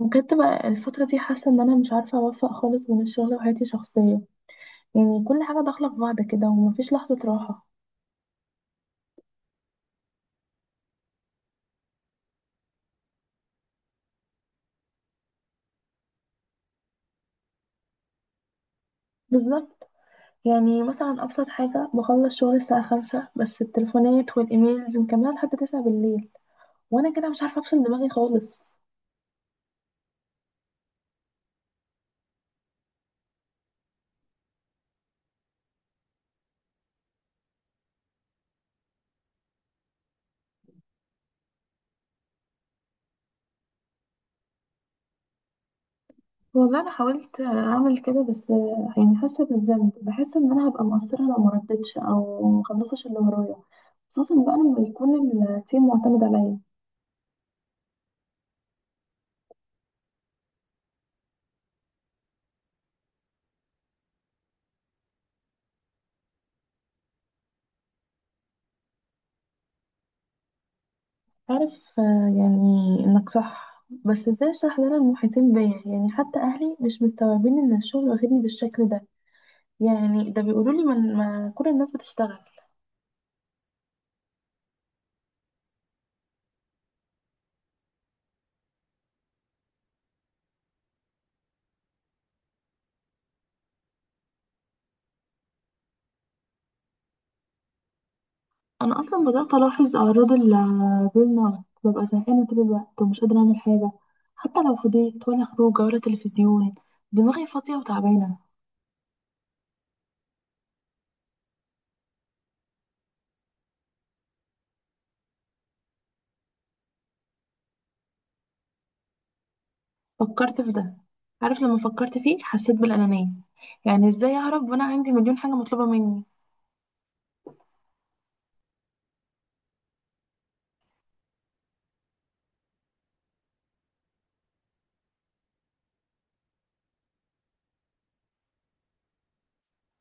بجد بقى الفترة دي حاسة ان انا مش عارفة اوفق خالص بين الشغل وحياتي الشخصية. يعني كل حاجة داخلة في بعض كده ومفيش لحظة راحة. بالظبط. يعني مثلا ابسط حاجة، بخلص شغل الساعة 5 بس التليفونات والايميلز مكملة لحد 9 بالليل، وانا كده مش عارفة افصل دماغي خالص. والله انا حاولت اعمل كده بس يعني حاسة بالذنب، بحس ان انا هبقى مقصرة لو مردتش او مخلصش اللي ورايا، خصوصا بقى لما يكون التيم معتمد عليا. عارف يعني انك صح، بس ازاي اشرح لنا المحيطين بيا؟ يعني حتى اهلي مش مستوعبين ان الشغل واخدني بالشكل ده. يعني ده بيقولوا لي ما كل الناس بتشتغل. انا اصلا بدات الاحظ اعراض البرن اوت، ببقى زهقانه طول الوقت ومش قادره اعمل حاجه، حتى لو فضيت، ولا خروجه ولا تلفزيون. دماغي فاضيه وتعبانه. فكرت في ده. عارف لما فكرت فيه حسيت بالانانيه. يعني ازاي اهرب وانا عندي مليون حاجه مطلوبه مني؟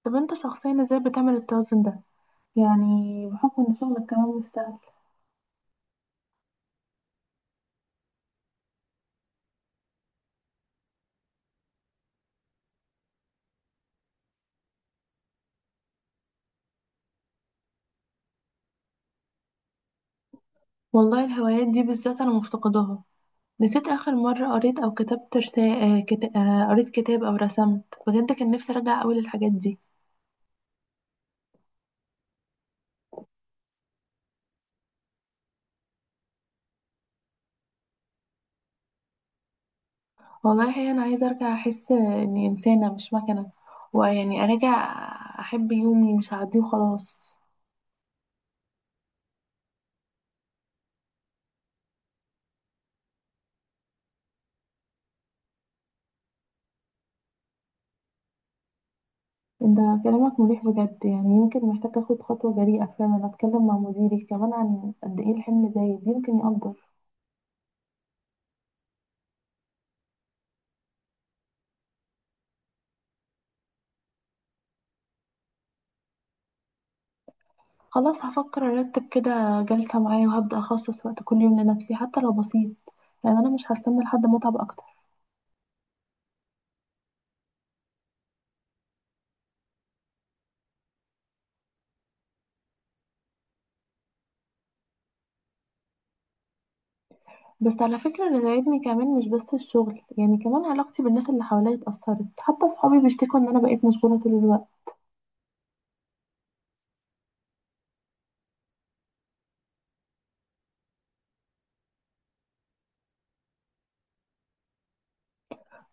طب انت شخصيا ازاي بتعمل التوازن ده؟ يعني بحكم إن شغلك كمان مش سهل. والله الهوايات دي بالذات أنا مفتقداها. نسيت آخر مرة قريت أو كتبت رسالة كت... آه، قريت كتاب أو رسمت. بجد كان نفسي أرجع أوي للحاجات دي. والله الحقيقة أنا عايزة أرجع أحس إني إنسانة مش مكنة، ويعني أرجع أحب يومي مش هعديه وخلاص. أنت كلامك مريح بجد. يعني يمكن محتاج أخد خطوة جريئة فعلا، أتكلم مع مديري كمان عن قد إيه الحمل زايد يمكن يقدر. خلاص، هفكر ارتب كده جلسة معايا وهبدأ اخصص وقت كل يوم لنفسي حتى لو بسيط. يعني انا مش هستنى لحد ما اتعب اكتر. بس على فكرة، اللي ضايقني كمان مش بس الشغل، يعني كمان علاقتي بالناس اللي حواليا اتأثرت، حتى صحابي بيشتكوا ان انا بقيت مشغولة طول الوقت.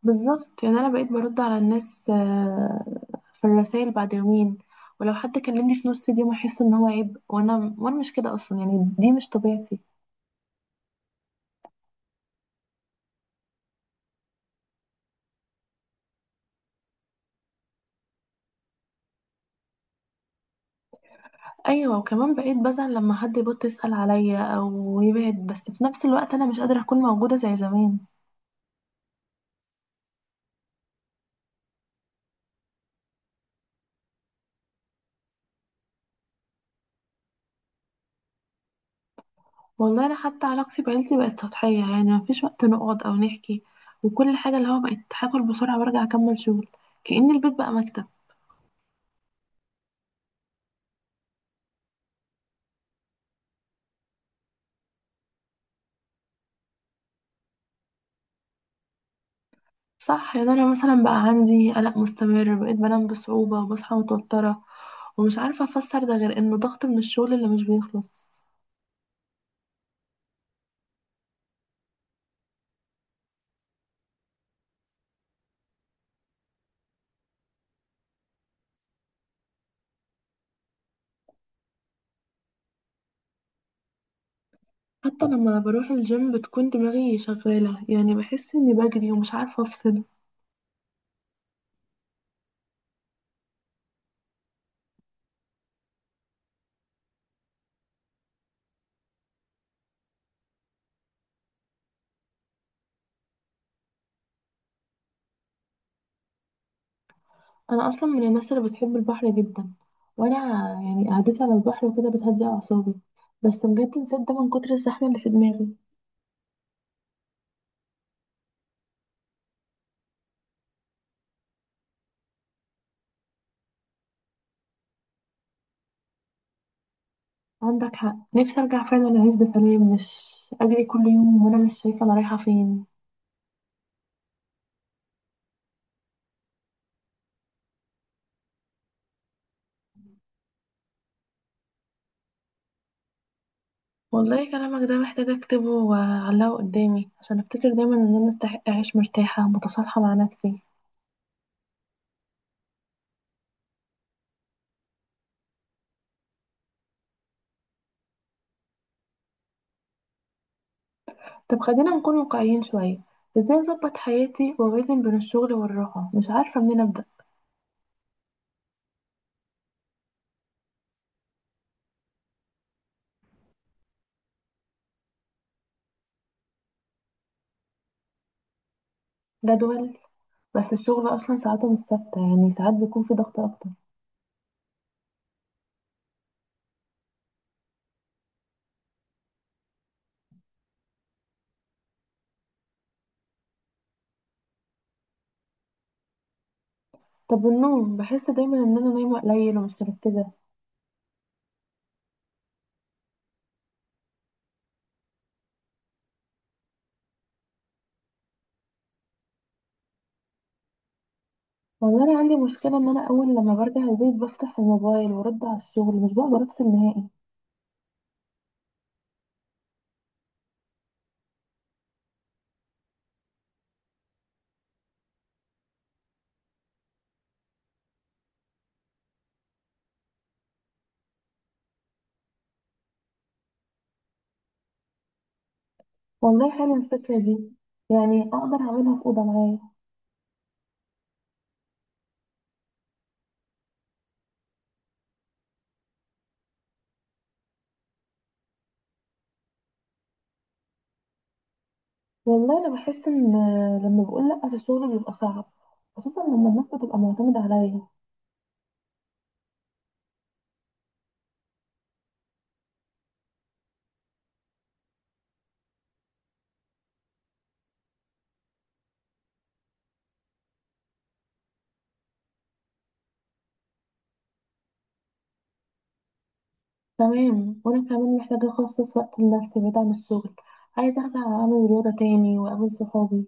بالظبط. يعني انا بقيت برد على الناس في الرسائل بعد يومين، ولو حد كلمني في نص اليوم احس ان هو عيب، وانا مش كده اصلا. يعني دي مش طبيعتي. ايوه، وكمان بقيت بزعل لما حد يبط يسأل عليا او يبعد، بس في نفس الوقت انا مش قادرة اكون موجودة زي زمان. والله انا حتى علاقتي بعيلتي بقت سطحية. يعني مفيش وقت نقعد او نحكي، وكل حاجة اللي هو بقت هاكل بسرعة وارجع اكمل شغل. كأن البيت بقى مكتب. صح، يعني انا مثلا بقى عندي قلق مستمر، بقيت بنام بصعوبة وبصحى متوترة. ومش عارفة افسر ده غير انه ضغط من الشغل اللي مش بيخلص. حتى لما بروح الجيم بتكون دماغي شغالة، يعني بحس اني بجري ومش عارفة افصل. انا اصلا من الناس اللي بتحب البحر جدا، وانا يعني قعدتي على البحر وكده بتهدي اعصابي. بس بجد نسيت ده من كتر الزحمه اللي في دماغي. عندك حق، نفسي ارجع فعلا اعيش بسلام، مش اجري كل يوم وانا مش شايفه انا رايحه فين. والله كلامك ده محتاجه اكتبه واعلقه قدامي، عشان افتكر دايما ان انا استحق اعيش مرتاحه متصالحه مع نفسي. طب خلينا نكون واقعيين شويه، ازاي اظبط حياتي واوازن بين الشغل والراحه؟ مش عارفه منين ابدا. جدول؟ بس الشغل اصلا ساعاته مش ثابته، يعني ساعات بيكون في ضغط اكتر. طب النوم، بحس دايما ان انا نايمه قليل ومش مركزه. والله انا عندي مشكله، ان انا اول لما برجع البيت بفتح الموبايل وارد على الشغل، مش بقدر افصل نهائي. والله حلوه الفكره دي، يعني اقدر اعملها في اوضه معايا. والله انا بحس ان لما بقول لا في الشغل بيبقى صعب، خصوصا لما الناس بتبقى معتمده عليا. تمام، وانا كمان محتاجه اخصص وقت لنفسي بعيد عن الشغل. عايزه ارجع اعمل رياضه تاني واقابل صحابي.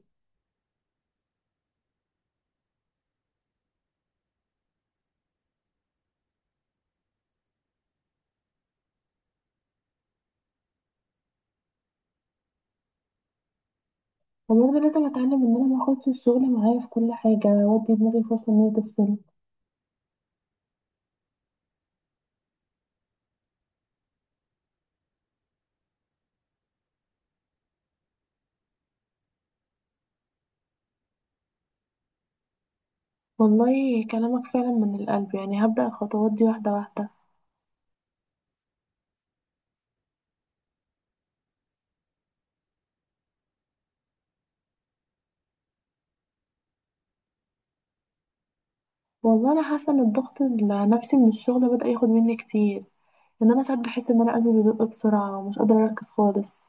وبرضه لازم اتعلم ان انا ما اخدش الشغل معايا في كل حاجه، وادي دماغي فرصه ان هي تفصل. والله كلامك فعلا من القلب، يعني هبدا الخطوات دي واحده واحده. والله انا حاسه ان الضغط النفسي من الشغل بدا ياخد مني كتير، ان انا ساعات بحس ان انا قلبي بيدق بسرعه ومش قادره اركز خالص.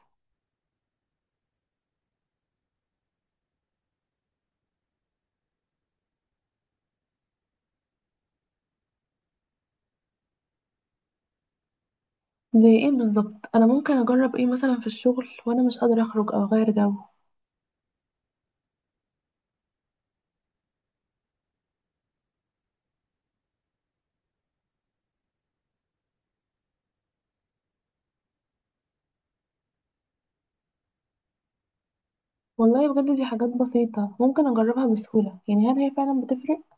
زي ايه بالظبط؟ انا ممكن اجرب ايه مثلا في الشغل وانا مش قادره اخرج او اغير جو؟ والله بجد دي حاجات بسيطه ممكن اجربها بسهوله، يعني هل هي فعلا بتفرق؟